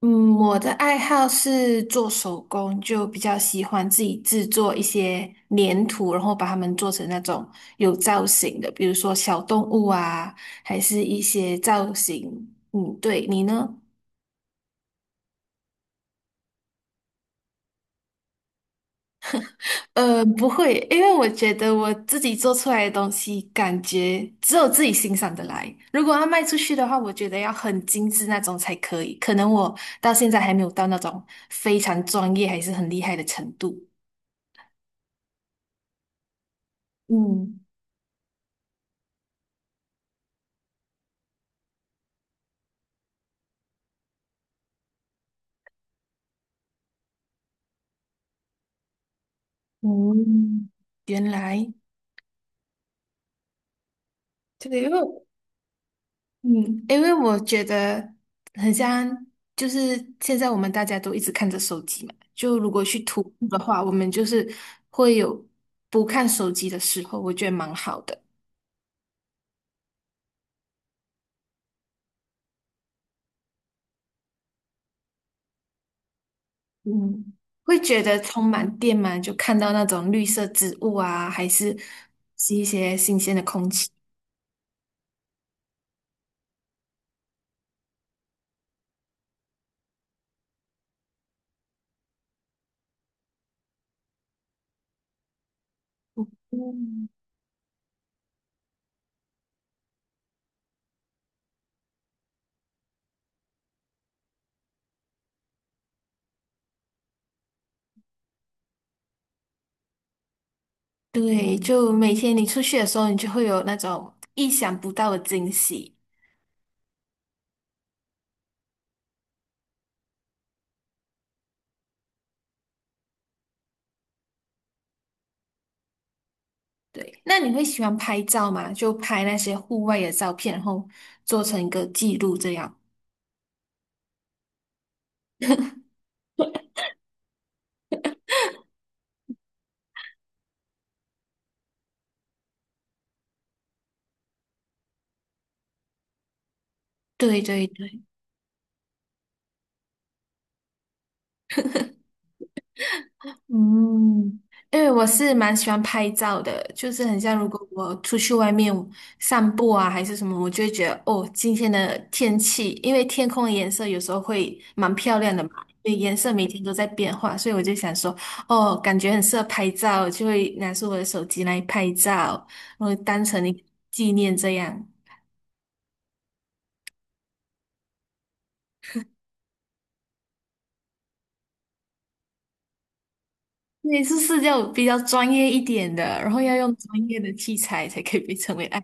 嗯，我的爱好是做手工，就比较喜欢自己制作一些粘土，然后把它们做成那种有造型的，比如说小动物啊，还是一些造型。嗯，对，你呢？不会，因为我觉得我自己做出来的东西，感觉只有自己欣赏的来。如果要卖出去的话，我觉得要很精致那种才可以。可能我到现在还没有到那种非常专业还是很厉害的程度。嗯。嗯，原来这个，因为嗯，因为我觉得很像，就是现在我们大家都一直看着手机嘛，就如果去徒步的话，我们就是会有不看手机的时候，我觉得蛮好的。嗯，会觉得充满电嘛，就看到那种绿色植物啊，还是是一些新鲜的空气。嗯，对，就每天你出去的时候，你就会有那种意想不到的惊喜。对，那你会喜欢拍照吗？就拍那些户外的照片，然后做成一个记录这样。对对对，嗯，因为我是蛮喜欢拍照的，就是很像如果我出去外面散步啊，还是什么，我就会觉得哦，今天的天气，因为天空的颜色有时候会蛮漂亮的嘛，因为颜色每天都在变化，所以我就想说，哦，感觉很适合拍照，就会拿出我的手机来拍照，然后当成一个纪念这样。对，是是要比较专业一点的，然后要用专业的器材才可以被称为爱。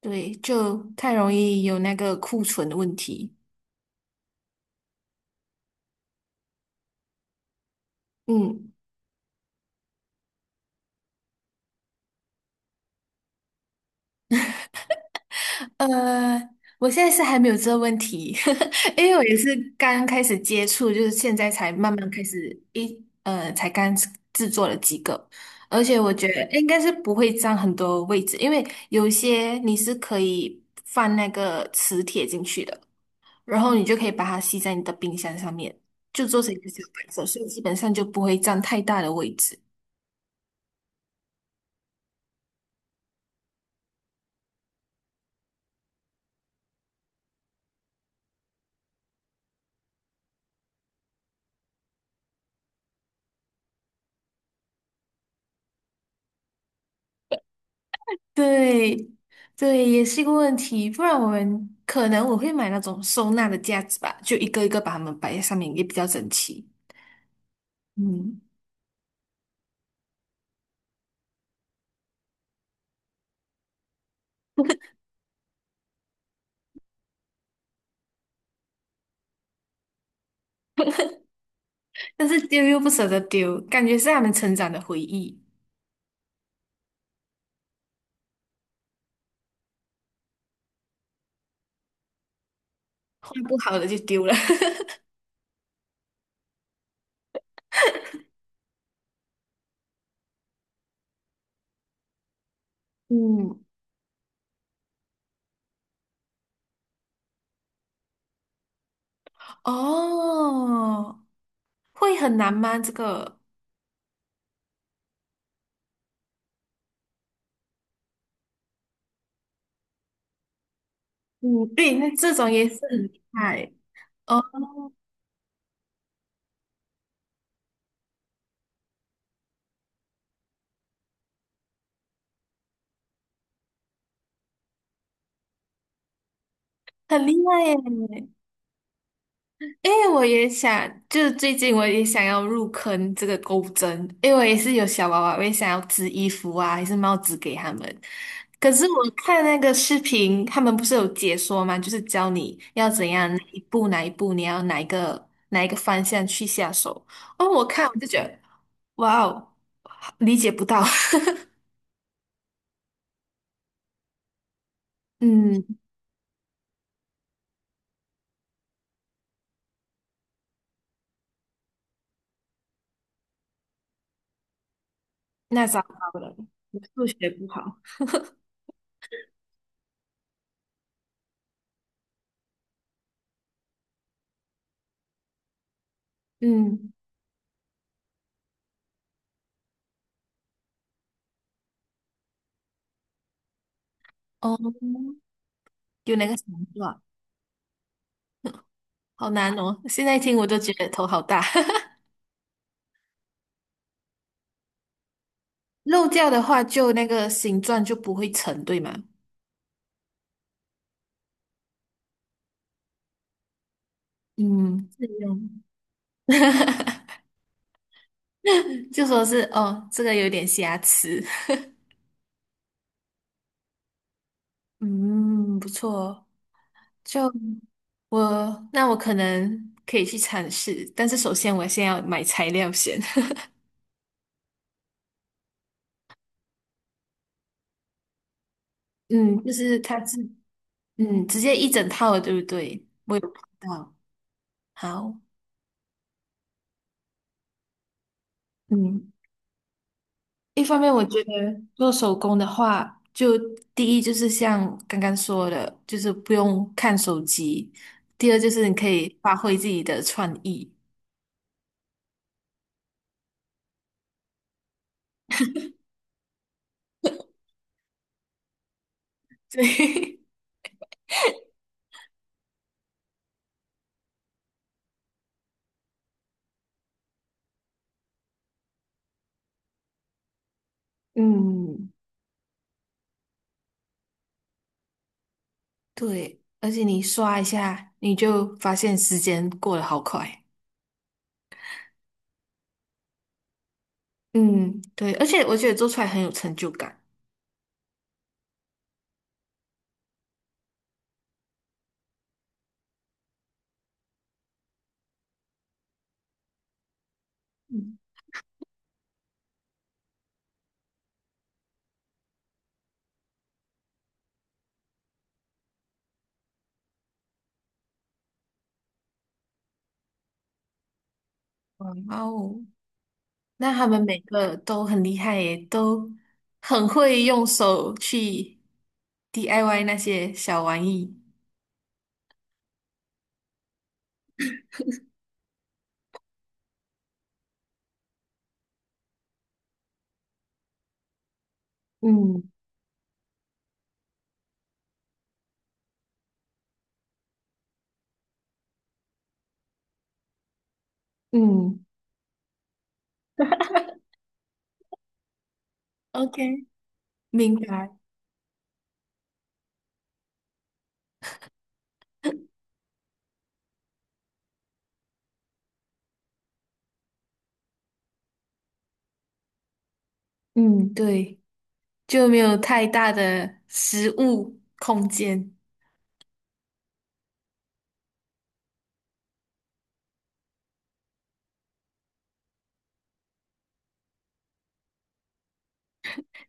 对，就太容易有那个库存的问题。嗯，呃，我现在是还没有这个问题，因为我也是刚开始接触，就是现在才慢慢开始才刚制作了几个，而且我觉得应该是不会占很多位置，因为有些你是可以放那个磁铁进去的。然后你就可以把它吸在你的冰箱上面，就做成一个小摆设，所以基本上就不会占太大的位置。对，对，也是一个问题。不然我们可能我会买那种收纳的架子吧，就一个一个把它们摆在上面，也比较整齐。嗯，但是丢又不舍得丢，感觉是他们成长的回忆，换不好的就丢了。嗯，哦，会很难吗？这个，嗯，对，那这种也是很厉害哦，很厉害耶。哎，我也想，就是最近我也想要入坑这个钩针，因为我也是有小娃娃，我也想要织衣服啊，还是帽子给他们。可是我看那个视频，他们不是有解说吗？就是教你要怎样哪一步哪一步，你要哪一个哪一个方向去下手。哦，我看我就觉得，哇哦，理解不到。嗯，那糟糕了，我数学不好。嗯，哦，有那个想法，好难哦！现在听我都觉得头好大。漏掉的话，就那个形状就不会成，对吗？嗯，就说是哦，这个有点瑕疵。嗯，不错哦，就那我可能可以去尝试，但是首先我先要买材料先。嗯，就是它是嗯，直接一整套的，对不对？我有看到。好，嗯。一方面，我觉得做手工的话，就第一就是像刚刚说的，就是不用看手机；第二就是你可以发挥自己的创意。对，嗯，对，而且你刷一下，你就发现时间过得好快。嗯，对，而且我觉得做出来很有成就感。嗯，哇哦，那他们每个都很厉害耶，都很会用手去 DIY 那些小玩意。嗯，嗯， OK，明白。嗯，对，就没有太大的实物空间。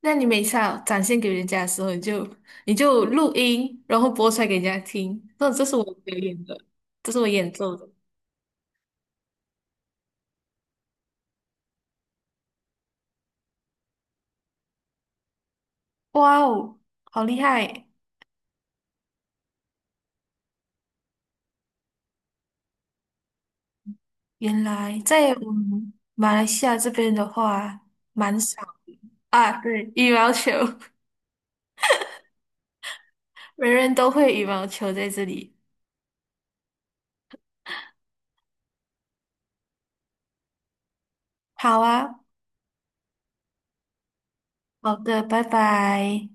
那你每次要展现给人家的时候，你就录音，然后播出来给人家听。那这是我表演的，这是我演奏的。哇哦，好厉害！原来在我们马来西亚这边的话，蛮少啊。对，羽毛球，人人都会羽毛球在这里。好啊，好的，拜拜。